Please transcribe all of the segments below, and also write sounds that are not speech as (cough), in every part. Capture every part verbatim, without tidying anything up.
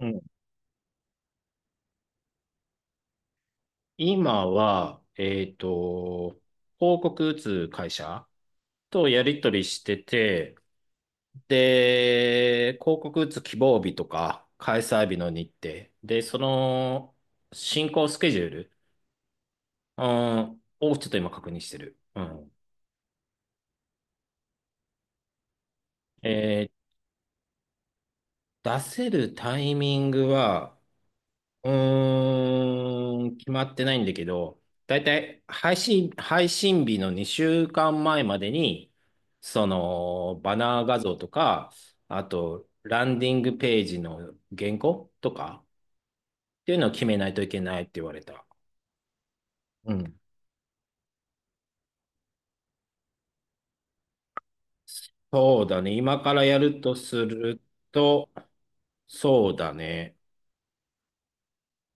うん。今は、えっと、広告打つ会社とやり取りしてて、で、広告打つ希望日とか、開催日の日程、で、その進行スケジュール、うん、をちょっと今確認してる。うん。え出せるタイミングは、うーん、決まってないんだけど、だいたい配信、配信日の2週間前まえまでに、その、バナー画像とか、あと、ランディングページの原稿とかっていうのを決めないといけないって言われた。うん。そうだね。今からやるとすると、そうだね。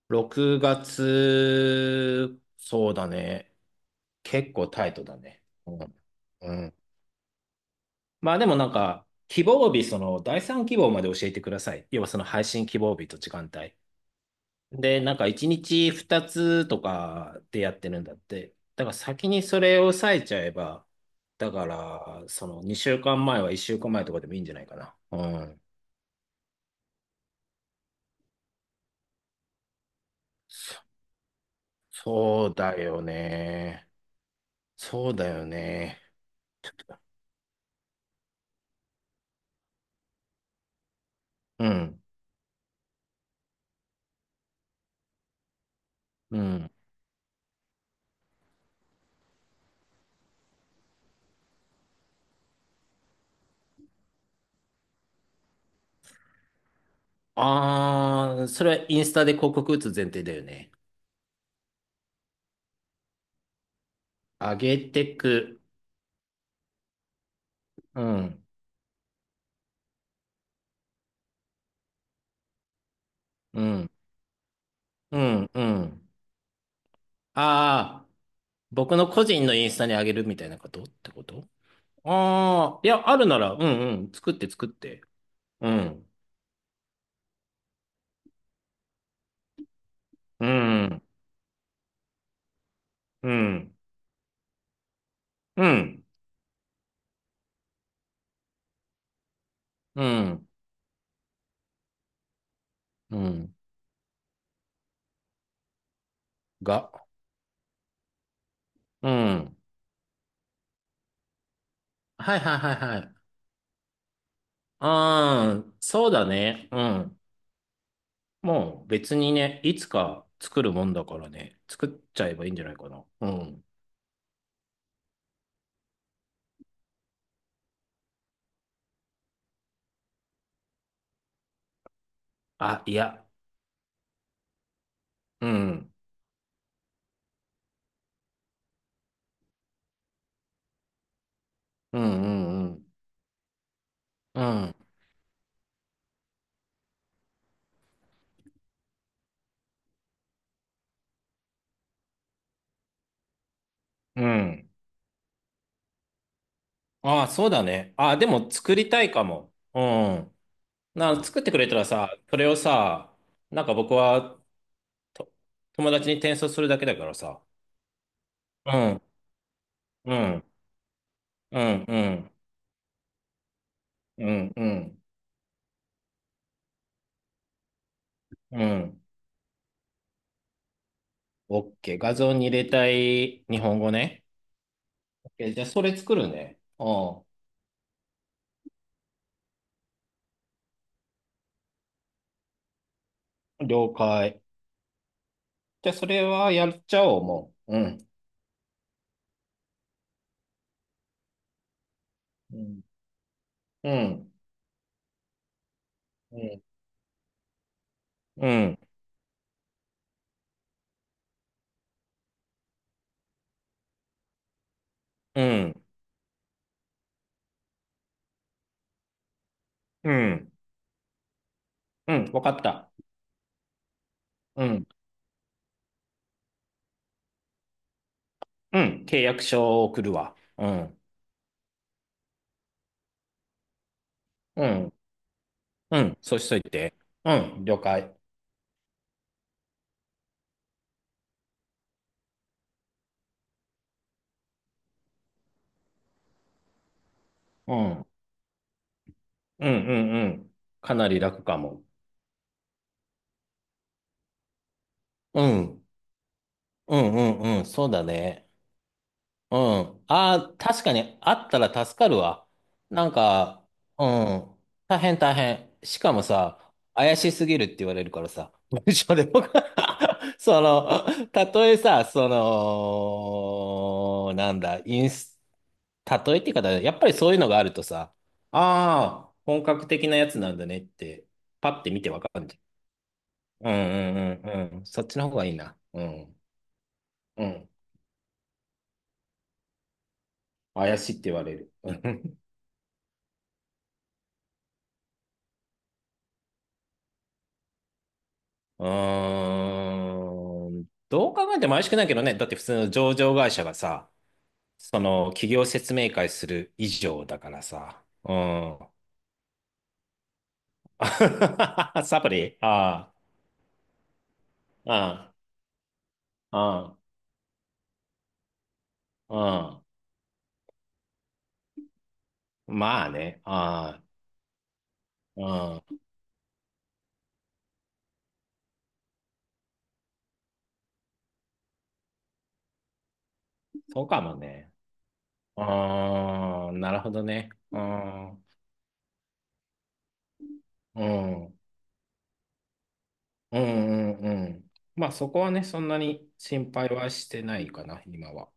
ろくがつ、そうだね。結構タイトだね。うん。うん。まあでもなんか、希望日、その第三希望まで教えてください。要はその配信希望日と時間帯。で、なんかいちにちふたつとかでやってるんだって。だから先にそれを抑えちゃえば、だから、そのにしゅうかんまえはいっしゅうかんまえとかでもいいんじゃないかな。うん。そ、そうだよね。そうだよね。ちょっと、うん。うん。ああ、それはインスタで広告打つ前提だよね。あげてく。うん、うん、うん、うん。ああ、僕の個人のインスタにあげるみたいなことってこと？ああー、いや、あるなら、うんうん、作って作って。うん、うん、うん、うん、うん、うん、が、うん。はいはいはいはい。ああ、そうだね。うん。もう別にね、いつか作るもんだからね、作っちゃえばいいんじゃないかな。うん。あ、いや、うん、うん、うん、うん、うん、うん。ああ、そうだね。ああ、でも作りたいかも。うん。な、作ってくれたらさ、それをさ、なんか僕はと友達に転送するだけだからさ。うん、うん、うん、うん、うん、うん、うん。オッケー。画像に入れたい日本語ね。オッケー。じゃあ、それ作るね。うん。了解。じゃあ、それはやっちゃおう、もう。うん。うん。うん。うん。うん。うんうん。うん。わかった。うん。うん。契約書を送るわ。うん。うん。うん。そうしといて。うん。了解。うん。うんうんうん。かなり楽かも。うん。うんうんうん。そうだね。うん。ああ、確かにあったら助かるわ。なんか、うん。大変大変。しかもさ、怪しすぎるって言われるからさ。(laughs) 文章で僕。 (laughs) その、たとえさ、その、なんだ、インス、たとえって言い方、やっぱりそういうのがあるとさ、ああ、本格的なやつなんだねって、パッて見てわかるじゃん。うんうんうんうん。そっちの方がいいな。うん。うん。怪しいって言われる。うん。うーん。どう考えても怪しくないけどね。だって普通の上場会社がさ、その企業説明会する以上だからさ。うん。(laughs) サプリ。ああ、うん、うん、うん。まあね。ああ、うん。そうかもね。うーん。なるほどね。うん。うん。あああまあねああうんそうかもねああなるほどねうんうんうんうんうん。まあそこはね、そんなに心配はしてないかな、今は。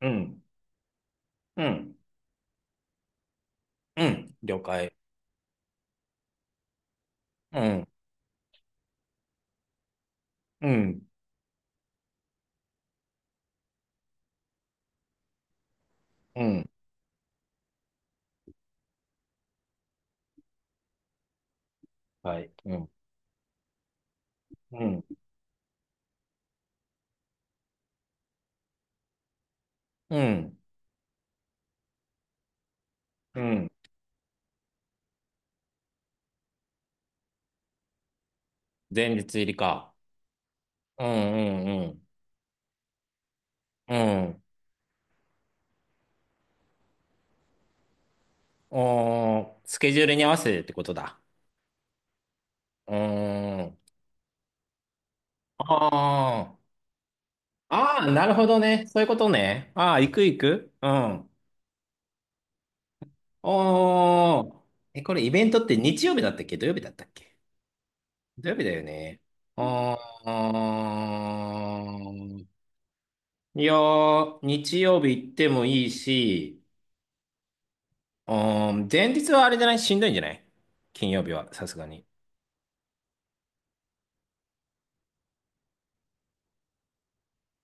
うん。うん。うん。了解。うん、うん、うん、はい。うん、うん、うん、うん。前日入りか。うん、うん、うん、うん。おー、スケジュールに合わせてってことだ。うーん。あーあー、なるほどね。そういうことね。ああ、行く行く。うん。おー。え、これイベントって日曜日だったっけ土曜日だったっけ？土曜日だよね。あー。いやー、日曜日行ってもいいし、うーん、前日はあれじゃない？しんどいんじゃない？金曜日は、さすがに。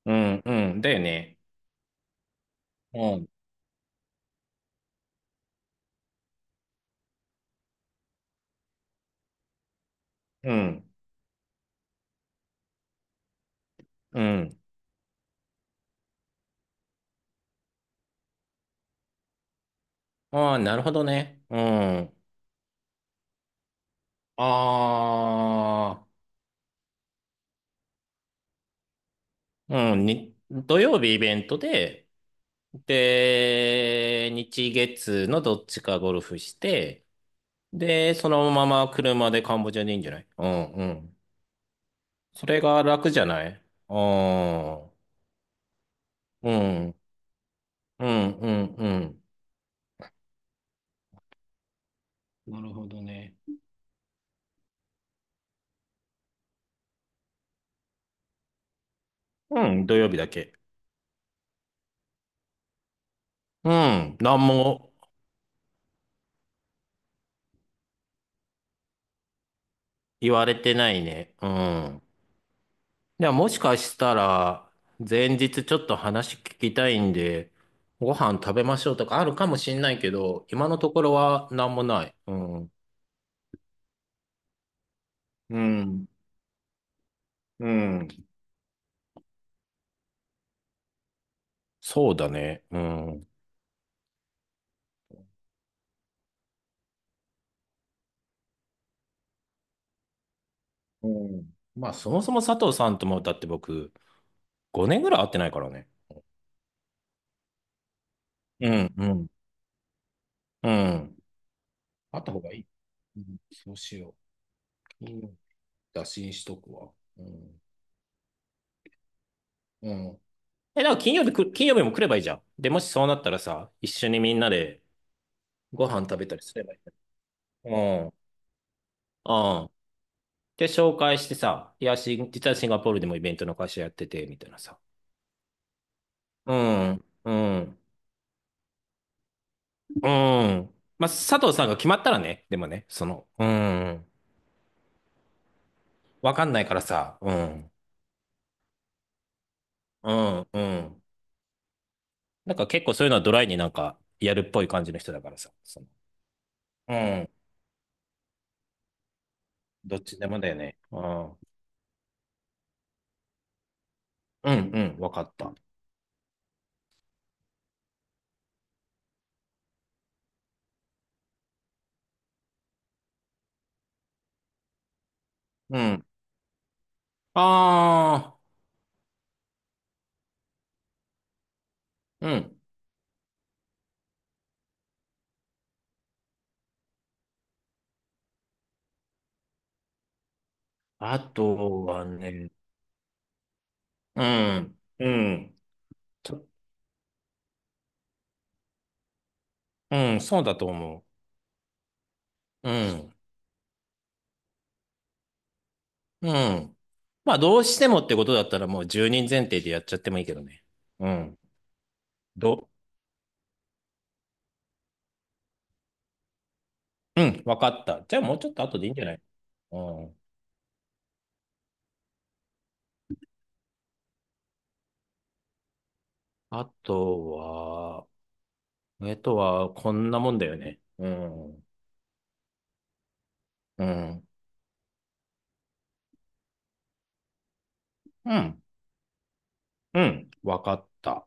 うん、うん、だよね。うん、うん、うん。ああ、なるほどね。うん。ああ、うん、に、土曜日イベントで、で、日月のどっちかゴルフして、で、そのまま車でカンボジアでいいんじゃない？うん、うん。それが楽じゃない？ああー、うん、うん、うん、うん。なるほどね。うん、土曜日だけ。うん。何も言われてないね。うん。ではもしかしたら、前日ちょっと話聞きたいんで、ご飯食べましょうとかあるかもしんないけど、今のところは何もない。うん。うん。うん。そうだね。うん。うん。まあ、そもそも佐藤さんとも、だって僕、ごねんぐらい会ってないからね。うん、うん、うん。会った方がいい。うん、そうしよう。金曜日打診しとくわ。うん、うん。え、だから金曜日く、金曜日も来ればいいじゃん。で、もしそうなったらさ、一緒にみんなでご飯食べたりすればいいじゃん。うん。うん。で、紹介してさ、いや、し、実はシンガポールでもイベントの会社やってて、みたいなさ。うん。うん。うん。まあ、佐藤さんが決まったらね、でもね、その、うん。わかんないからさ、うん。うん。うん。なんか結構そういうのはドライになんかやるっぽい感じの人だからさ、その、うん。どっちでもだよね。うん。うん、うん、わかった。うん。ああ。うん。あとはね、うん、うん、ちょ、うん、そうだと思う。うん、うん。まあ、どうしてもってことだったらもうひとり提でやっちゃってもいいけどね。うん。ど、うん、わかった。じゃあもうちょっと後でいいんじゃない？うん。あとは、えっとは、こんなもんだよね。うん、うん、うん、うん、わかった。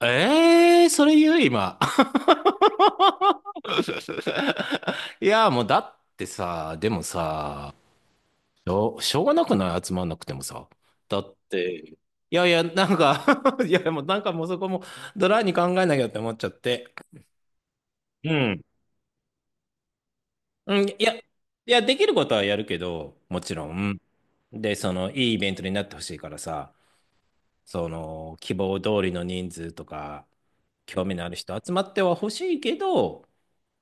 ええー、それ言う今？(laughs) (laughs) いや、もうだってさ、でもさ、しょう、しょうがなくない？集まんなくてもさ。だって、いやいや、なんか。 (laughs) いや、もうなんかもうそこもドライに考えなきゃって思っちゃって。うん。うん、いや、いや、できることはやるけど、もちろん。で、その、いいイベントになってほしいからさ、その、希望通りの人数とか、興味のある人集まってはほしいけど、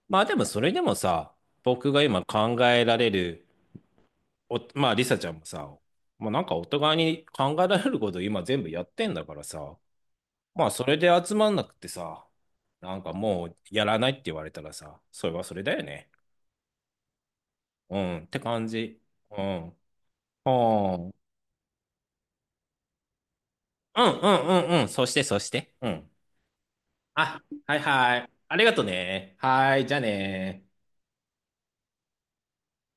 まあでもそれでもさ、僕が今考えられるお、まあ、リサちゃんもさ、もうなんかお互いに考えられること今全部やってんだからさ、まあ、それで集まんなくてさ、なんかもうやらないって言われたらさ、それはそれだよね。うんって感じ。うん。はあ。うんうんうんうん。そしてそして。うん。あ、はいはい。ありがとね。はい、じゃあね。